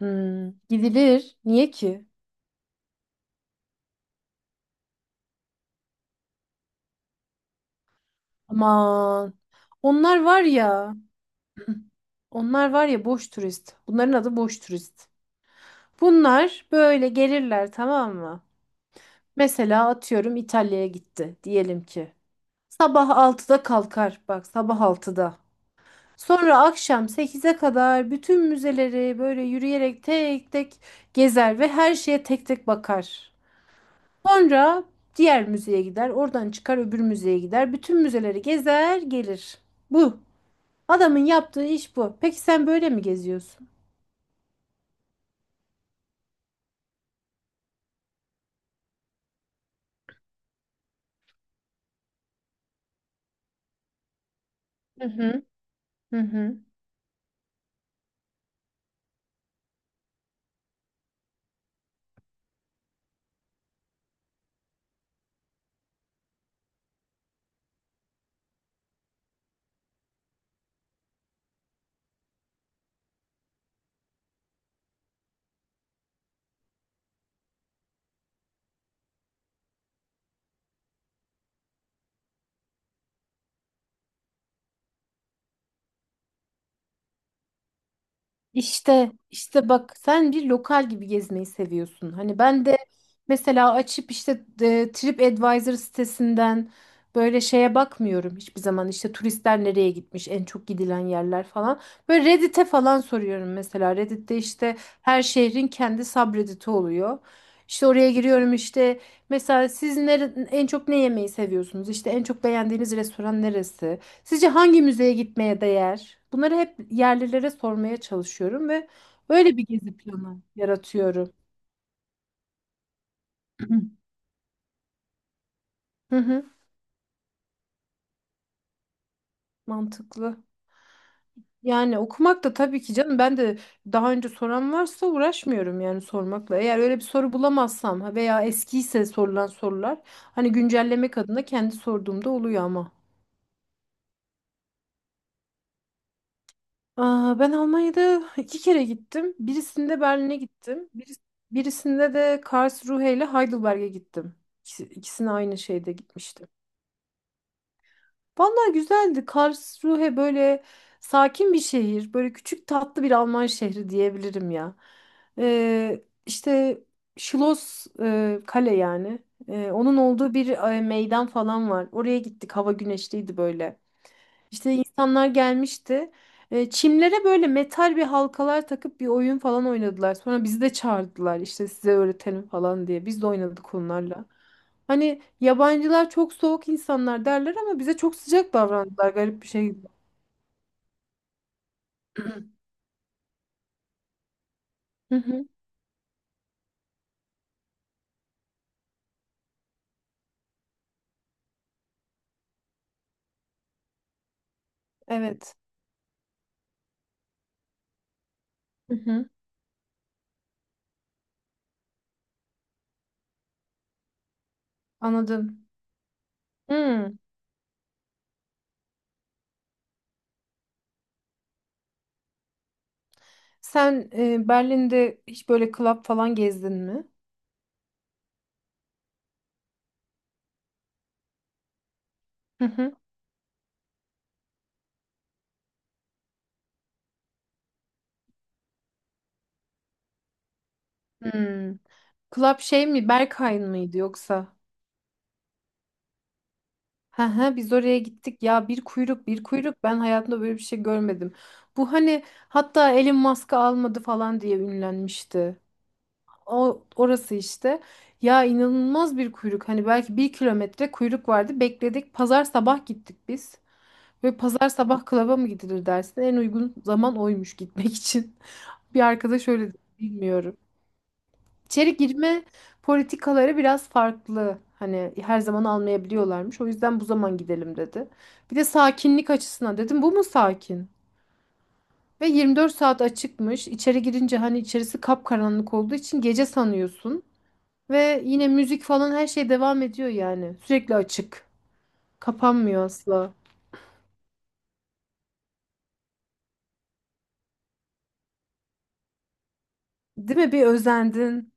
Hmm, gidilir. Niye ki? Aman. Onlar var ya. Onlar var ya boş turist. Bunların adı boş turist. Bunlar böyle gelirler, tamam mı? Mesela atıyorum İtalya'ya gitti diyelim ki. Sabah 6'da kalkar. Bak, sabah 6'da. Sonra akşam 8'e kadar bütün müzeleri böyle yürüyerek tek tek gezer ve her şeye tek tek bakar. Sonra diğer müzeye gider, oradan çıkar, öbür müzeye gider. Bütün müzeleri gezer, gelir. Bu. Adamın yaptığı iş bu. Peki sen böyle mi geziyorsun? Hı hı. Hı hı. İşte işte bak, sen bir lokal gibi gezmeyi seviyorsun. Hani ben de mesela açıp işte TripAdvisor sitesinden böyle şeye bakmıyorum hiçbir zaman. İşte turistler nereye gitmiş, en çok gidilen yerler falan. Böyle Reddit'e falan soruyorum mesela. Reddit'te işte her şehrin kendi subreddit'i oluyor. İşte oraya giriyorum işte, mesela siz en çok ne yemeyi seviyorsunuz? İşte en çok beğendiğiniz restoran neresi? Sizce hangi müzeye gitmeye değer? Bunları hep yerlilere sormaya çalışıyorum ve öyle bir gezi planı yaratıyorum. Hı hı, mantıklı. Yani okumak da tabii ki canım, ben de daha önce soran varsa uğraşmıyorum yani sormakla. Eğer öyle bir soru bulamazsam ha, veya eskiyse sorulan sorular hani güncellemek adına kendi sorduğumda oluyor ama. Aa, ben Almanya'da iki kere gittim. Birisinde Berlin'e gittim. Birisinde de Karlsruhe ile Heidelberg'e gittim. İkisi, ikisine aynı şeyde gitmiştim. Vallahi güzeldi. Karlsruhe böyle sakin bir şehir. Böyle küçük tatlı bir Alman şehri diyebilirim ya. İşte Schloss, kale yani. Onun olduğu bir meydan falan var. Oraya gittik. Hava güneşliydi böyle. İşte insanlar gelmişti. Çimlere böyle metal bir halkalar takıp bir oyun falan oynadılar. Sonra bizi de çağırdılar, işte size öğretelim falan diye. Biz de oynadık onlarla. Hani yabancılar çok soğuk insanlar derler ama bize çok sıcak davrandılar, garip bir şekilde. Hı hı, evet. Hı hı, anladım. Hmm. Sen Berlin'de hiç böyle club falan gezdin mi? Hı hı. Hmm. Club şey mi? Berghain mıydı yoksa? Hı hı, biz oraya gittik ya, bir kuyruk bir kuyruk, ben hayatımda böyle bir şey görmedim. Bu hani hatta Elon Musk'ı almadı falan diye ünlenmişti. O orası işte. Ya inanılmaz bir kuyruk, hani belki bir kilometre kuyruk vardı, bekledik. Pazar sabah gittik biz. Ve pazar sabah klaba mı gidilir dersin? En uygun zaman oymuş gitmek için. Bir arkadaş öyle dedi, bilmiyorum. İçeri girme politikaları biraz farklı. Hani her zaman almayabiliyorlarmış. O yüzden bu zaman gidelim dedi. Bir de sakinlik açısından dedim, bu mu sakin? Ve 24 saat açıkmış. İçeri girince, hani içerisi kapkaranlık olduğu için, gece sanıyorsun. Ve yine müzik falan her şey devam ediyor yani. Sürekli açık. Kapanmıyor asla. Değil mi? Bir özendin.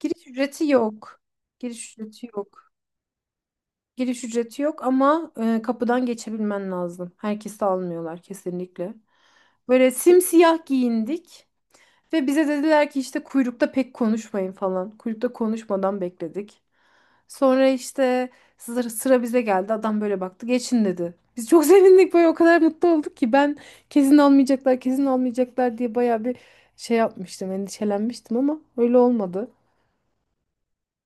Giriş ücreti yok. Giriş ücreti yok. Giriş ücreti yok ama kapıdan geçebilmen lazım. Herkesi almıyorlar kesinlikle. Böyle simsiyah giyindik ve bize dediler ki işte kuyrukta pek konuşmayın falan. Kuyrukta konuşmadan bekledik. Sonra işte sıra bize geldi. Adam böyle baktı. Geçin dedi. Biz çok sevindik, böyle o kadar mutlu olduk ki, ben kesin almayacaklar, kesin almayacaklar diye bayağı bir şey yapmıştım, endişelenmiştim ama öyle olmadı.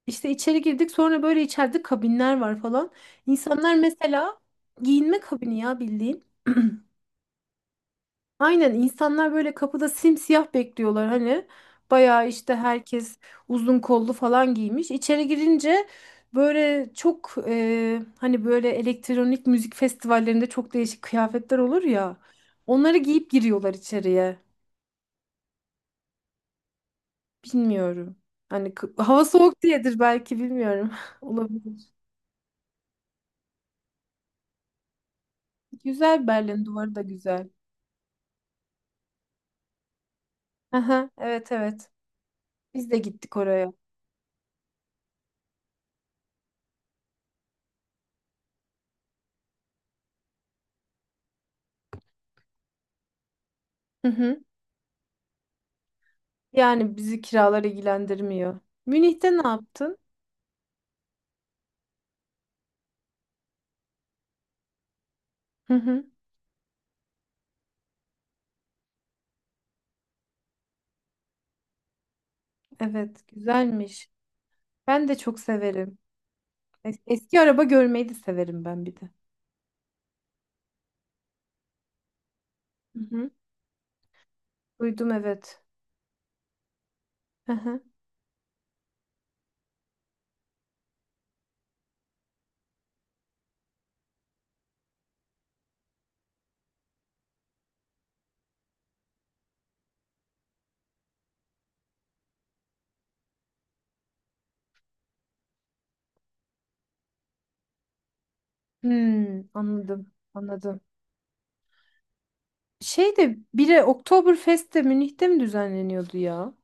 İşte içeri girdik, sonra böyle içeride kabinler var falan. İnsanlar mesela giyinme kabini ya, bildiğin. Aynen, insanlar böyle kapıda simsiyah bekliyorlar hani. Bayağı işte herkes uzun kollu falan giymiş. İçeri girince böyle çok, hani böyle elektronik müzik festivallerinde çok değişik kıyafetler olur ya. Onları giyip giriyorlar içeriye. Bilmiyorum. Hani hava soğuk diyedir belki, bilmiyorum. Olabilir. Güzel, Berlin duvarı da güzel. Aha, evet evet. Biz de gittik oraya. Hı hı. Yani bizi kiralar ilgilendirmiyor. Münih'te ne yaptın? Hı hı. Evet, güzelmiş. Ben de çok severim. Eski araba görmeyi de severim ben, bir de. Hı hı. Duydum, evet. Hı hı. Hmm, anladım, anladım. Şey, de biri Oktoberfest de Münih'te mi düzenleniyordu ya?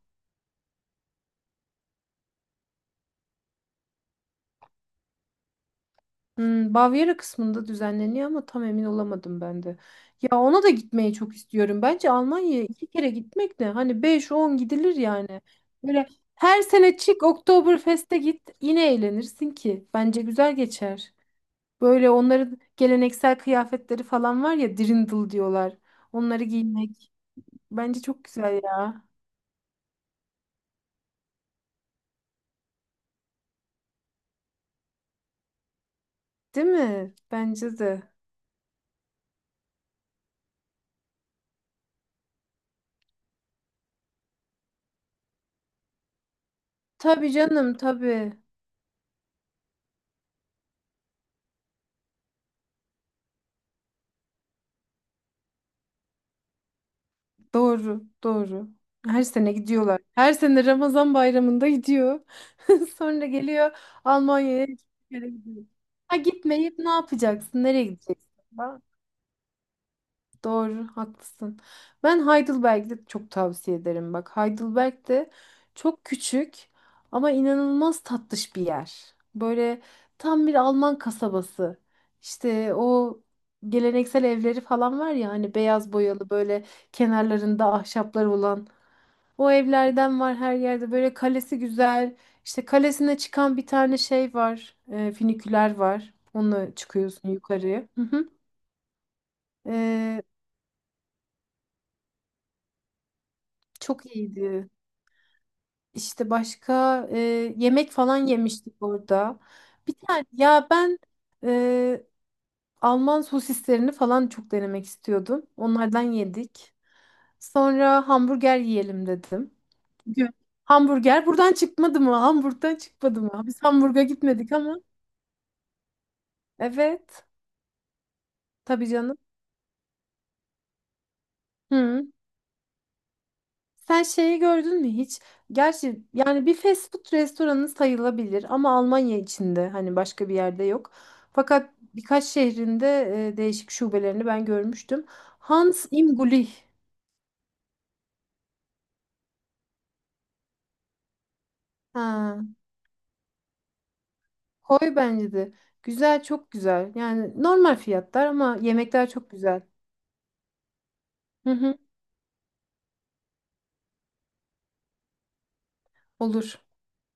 Bavyera kısmında düzenleniyor ama tam emin olamadım ben de. Ya ona da gitmeyi çok istiyorum. Bence Almanya'ya iki kere gitmek de, hani beş on gidilir yani. Böyle her sene çık Oktoberfest'e git, yine eğlenirsin ki. Bence güzel geçer. Böyle onların geleneksel kıyafetleri falan var ya, dirndl diyorlar. Onları giymek bence çok güzel ya. Değil mi? Bence de. Tabii canım, tabii. Doğru, doğru. Her sene gidiyorlar. Her sene Ramazan bayramında gidiyor. Sonra geliyor Almanya'ya, hiçbir yere gidiyor. Ha, gitmeyip ne yapacaksın? Nereye gideceksin? Ha, doğru, haklısın. Ben Heidelberg'de çok tavsiye ederim. Bak, Heidelberg de çok küçük ama inanılmaz tatlış bir yer. Böyle tam bir Alman kasabası. İşte o geleneksel evleri falan var ya hani, beyaz boyalı, böyle kenarlarında ahşaplar olan o evlerden var her yerde. Böyle kalesi güzel. İşte kalesine çıkan bir tane şey var. Füniküler var. Onunla çıkıyorsun yukarıya. Hı hı. E, çok iyiydi. İşte başka, yemek falan yemiştik orada. Bir tane, ya ben e, Alman sosislerini falan çok denemek istiyordum. Onlardan yedik. Sonra hamburger yiyelim dedim. Bugün Hamburger buradan çıkmadı mı? Hamburg'dan çıkmadı mı? Biz Hamburg'a gitmedik ama. Evet. Tabii canım. Hı. Sen şeyi gördün mü hiç? Gerçi yani bir fast food restoranı sayılabilir ama Almanya içinde hani başka bir yerde yok. Fakat birkaç şehrinde değişik şubelerini ben görmüştüm. Hans im Gully. Ha, koy bence de. Güzel, çok güzel. Yani normal fiyatlar ama yemekler çok güzel. Hı hı, olur.